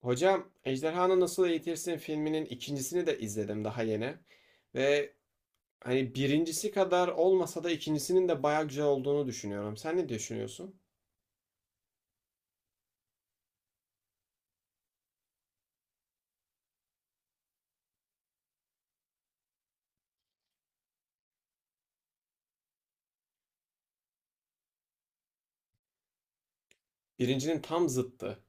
Hocam Ejderhanı Nasıl Eğitirsin filminin ikincisini de izledim daha yeni. Ve hani birincisi kadar olmasa da ikincisinin de bayağı güzel olduğunu düşünüyorum. Sen ne düşünüyorsun? Birincinin tam zıttı.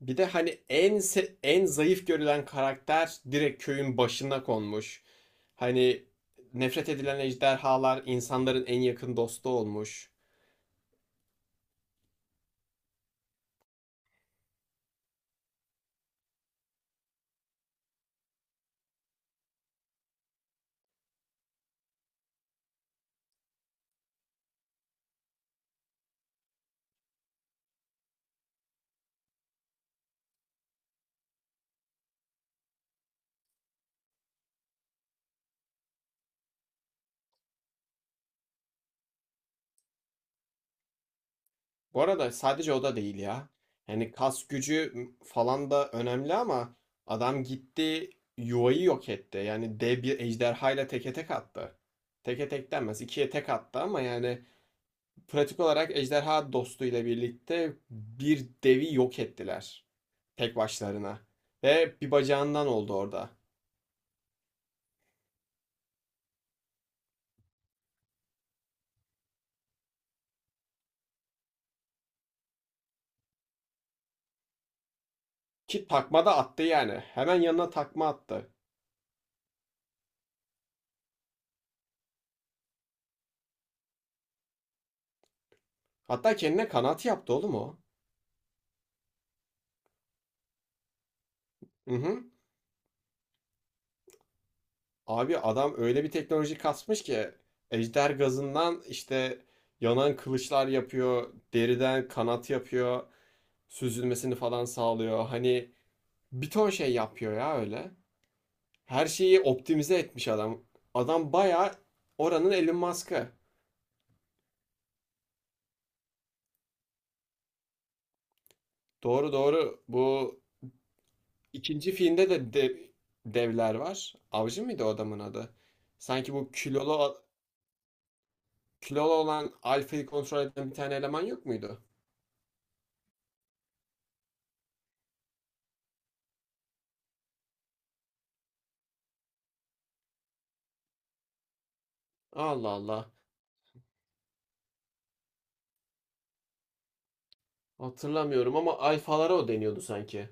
Bir de hani en zayıf görülen karakter direkt köyün başına konmuş. Hani nefret edilen ejderhalar insanların en yakın dostu olmuş. Bu arada sadece o da değil ya. Hani kas gücü falan da önemli ama adam gitti yuvayı yok etti. Yani dev bir ejderhayla teke tek attı. Teke tek denmez. İkiye tek attı ama yani pratik olarak ejderha dostuyla birlikte bir devi yok ettiler. Tek başlarına. Ve bir bacağından oldu orada. Ki takma da attı yani. Hemen yanına takma attı. Hatta kendine kanat yaptı oğlum o. Hı. Abi adam öyle bir teknoloji kasmış ki ejder gazından işte yanan kılıçlar yapıyor, deriden kanat yapıyor, süzülmesini falan sağlıyor. Hani bir ton şey yapıyor ya öyle. Her şeyi optimize etmiş adam. Adam bayağı oranın Elon Musk'ı. Doğru doğru. Bu ikinci filmde de devler var. Avcı mıydı o adamın adı? Sanki bu kilolu kilolu olan alfayı kontrol eden bir tane eleman yok muydu? Allah Allah. Hatırlamıyorum ama alfalara o deniyordu sanki.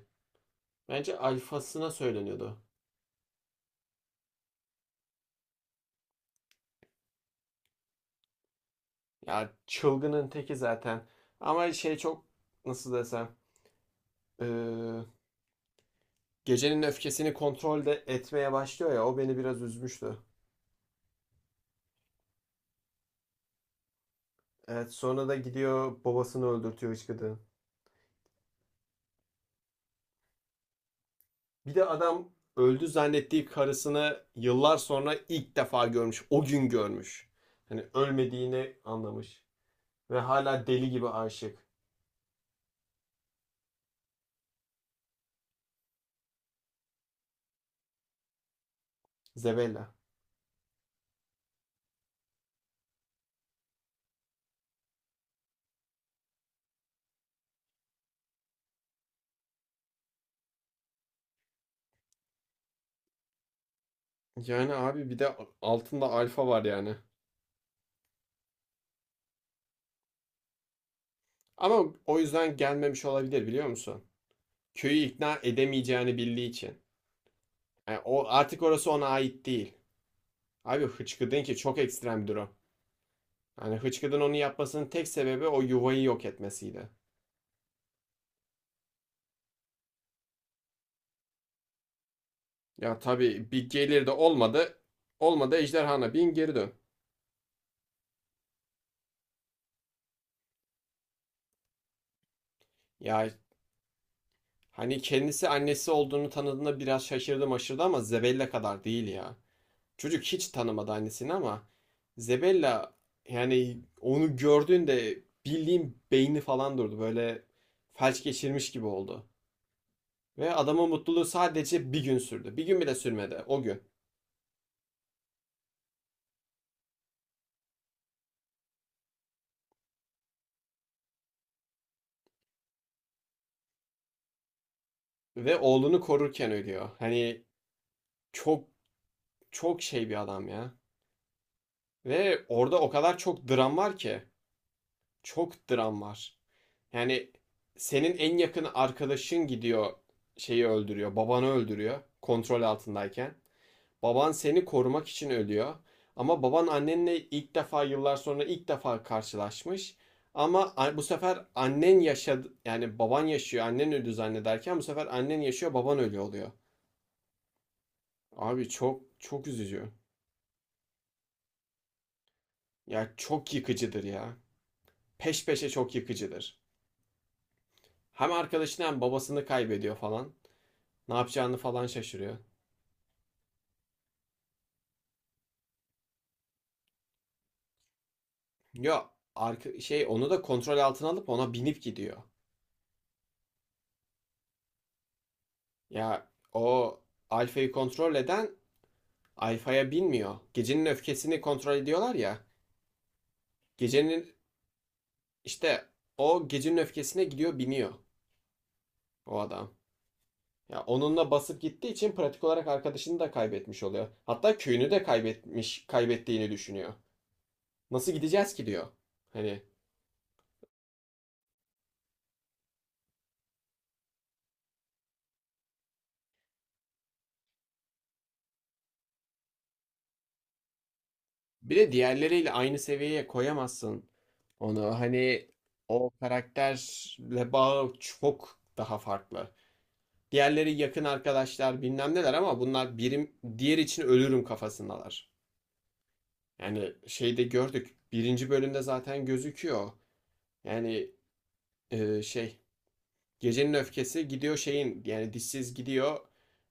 Bence alfasına söyleniyordu. Ya çılgının teki zaten. Ama şey çok nasıl desem eee, gecenin öfkesini kontrolde etmeye başlıyor ya o beni biraz üzmüştü. Evet sonra da gidiyor babasını öldürtüyor hıçkıdığın. Bir de adam öldü zannettiği karısını yıllar sonra ilk defa görmüş. O gün görmüş. Hani ölmediğini anlamış. Ve hala deli gibi aşık. Zebella. Yani abi bir de altında alfa var yani. Ama o yüzden gelmemiş olabilir biliyor musun? Köyü ikna edemeyeceğini bildiği için. Yani o artık orası ona ait değil. Abi Hıçkıdın ki çok ekstrem bir durum. Hani Hıçkıdın onu yapmasının tek sebebi o yuvayı yok etmesiydi. Ya tabii bir gelir de olmadı. Olmadı ejderhana bin geri dön. Ya hani kendisi annesi olduğunu tanıdığında biraz şaşırdım aşırdı ama zebelle kadar değil ya. Çocuk hiç tanımadı annesini ama Zebella yani onu gördüğünde bildiğim beyni falan durdu. Böyle felç geçirmiş gibi oldu. Ve adamın mutluluğu sadece bir gün sürdü. Bir gün bile sürmedi o gün. Ve oğlunu korurken ölüyor. Hani çok çok şey bir adam ya. Ve orada o kadar çok dram var ki. Çok dram var. Yani senin en yakın arkadaşın gidiyor şeyi öldürüyor. Babanı öldürüyor kontrol altındayken. Baban seni korumak için ölüyor. Ama baban annenle ilk defa yıllar sonra ilk defa karşılaşmış. Ama bu sefer annen yaşadı yani baban yaşıyor annen öldü zannederken bu sefer annen yaşıyor baban ölüyor oluyor. Abi çok çok üzücü. Ya çok yıkıcıdır ya. Peş peşe çok yıkıcıdır. Hem arkadaşını hem babasını kaybediyor falan. Ne yapacağını falan şaşırıyor. Yo şey onu da kontrol altına alıp ona binip gidiyor. Ya o Alfa'yı kontrol eden Alfa'ya binmiyor. Gecenin öfkesini kontrol ediyorlar ya. Gecenin işte o gecenin öfkesine gidiyor biniyor o adam. Ya onunla basıp gittiği için pratik olarak arkadaşını da kaybetmiş oluyor. Hatta köyünü de kaybetmiş, kaybettiğini düşünüyor. Nasıl gideceğiz ki diyor. Hani bir de diğerleriyle aynı seviyeye koyamazsın onu. Hani o karakterle bağı çok daha farklı. Diğerleri yakın arkadaşlar bilmem neler ama bunlar birim diğer için ölürüm kafasındalar. Yani şeyde gördük. Birinci bölümde zaten gözüküyor. Yani şey gecenin öfkesi gidiyor şeyin yani dişsiz gidiyor.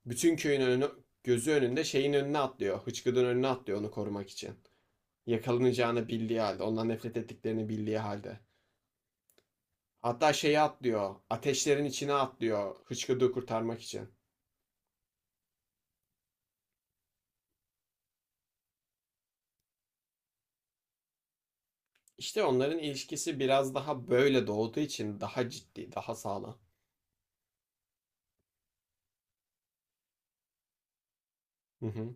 Bütün köyün önü, gözü önünde şeyin önüne atlıyor. Hıçkıdın önüne atlıyor onu korumak için. Yakalanacağını bildiği halde. Ondan nefret ettiklerini bildiği halde. Hatta şeyi atlıyor. Ateşlerin içine atlıyor. Hıçkıdığı kurtarmak için. İşte onların ilişkisi biraz daha böyle doğduğu için daha ciddi, daha sağlam. Hı hı.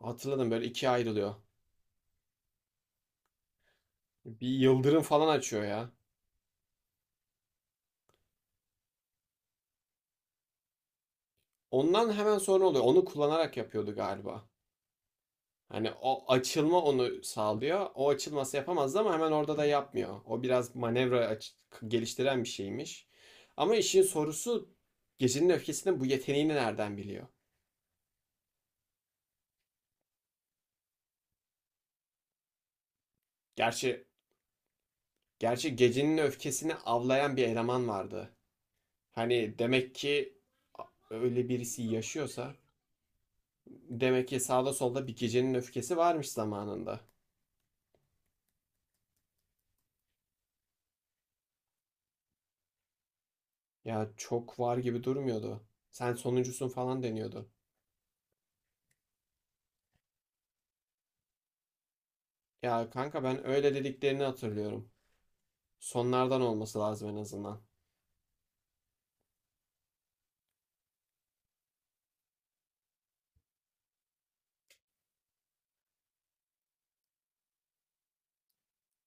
Hatırladım böyle ikiye ayrılıyor. Bir yıldırım falan açıyor ya. Ondan hemen sonra oluyor. Onu kullanarak yapıyordu galiba. Hani o açılma onu sağlıyor. O açılması yapamazdı ama hemen orada da yapmıyor. O biraz geliştiren bir şeymiş. Ama işin sorusu Gecenin Öfkesi'nin bu yeteneğini nereden biliyor? Gerçi gerçi Gecenin Öfkesi'ni avlayan bir eleman vardı. Hani demek ki öyle birisi yaşıyorsa demek ki sağda solda bir Gecenin Öfkesi varmış zamanında. Ya çok var gibi durmuyordu. Sen sonuncusun falan deniyordu. Ya kanka ben öyle dediklerini hatırlıyorum. Sonlardan olması lazım en azından.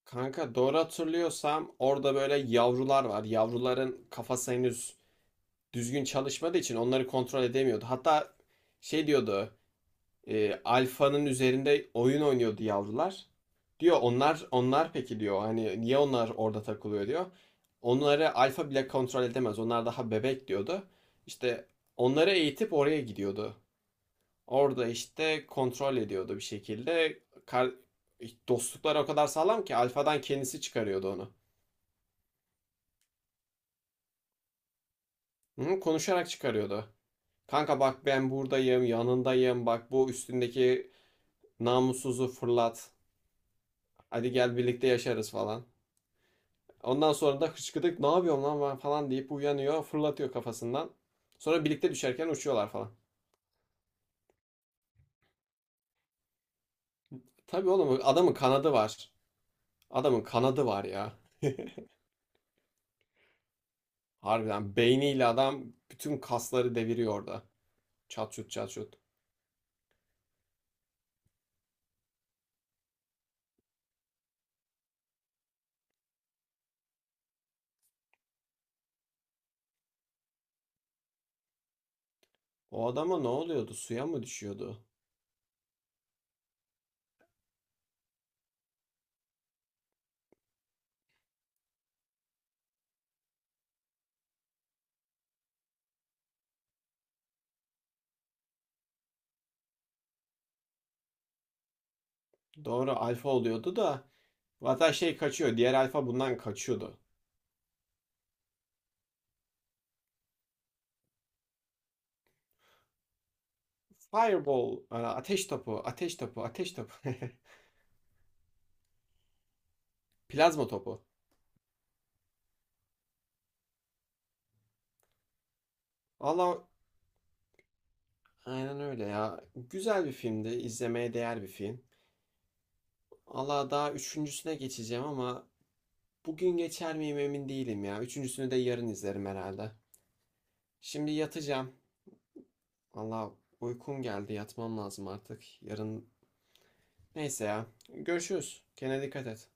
Kanka doğru hatırlıyorsam orada böyle yavrular var. Yavruların kafası henüz düzgün çalışmadığı için onları kontrol edemiyordu. Hatta şey diyordu. Alfanın üzerinde oyun oynuyordu yavrular. Diyor onlar peki diyor. Hani niye onlar orada takılıyor diyor. Onları alfa bile kontrol edemez. Onlar daha bebek diyordu. İşte onları eğitip oraya gidiyordu. Orada işte kontrol ediyordu bir şekilde. Kar dostluklar o kadar sağlam ki Alfa'dan kendisi çıkarıyordu onu. Hı, konuşarak çıkarıyordu. Kanka bak ben buradayım, yanındayım. Bak bu üstündeki namussuzu fırlat. Hadi gel birlikte yaşarız falan. Ondan sonra da hıçkıdık ne yapıyorum lan ben falan deyip uyanıyor, fırlatıyor kafasından. Sonra birlikte düşerken uçuyorlar falan. Tabii oğlum adamın kanadı var. Adamın kanadı var ya. Harbiden beyniyle adam bütün kasları deviriyor orada. Çat şut çat şut. O adama ne oluyordu? Suya mı düşüyordu? Doğru alfa oluyordu da zaten şey kaçıyor. Diğer alfa bundan kaçıyordu. Fireball, ateş topu, ateş topu, ateş topu. Plazma topu. Allah aynen öyle ya. Güzel bir filmdi. İzlemeye değer bir film. Allah daha üçüncüsüne geçeceğim ama bugün geçer miyim emin değilim ya. Üçüncüsünü de yarın izlerim herhalde. Şimdi yatacağım. Valla uykum geldi yatmam lazım artık. Yarın... Neyse ya. Görüşürüz. Kendine dikkat et.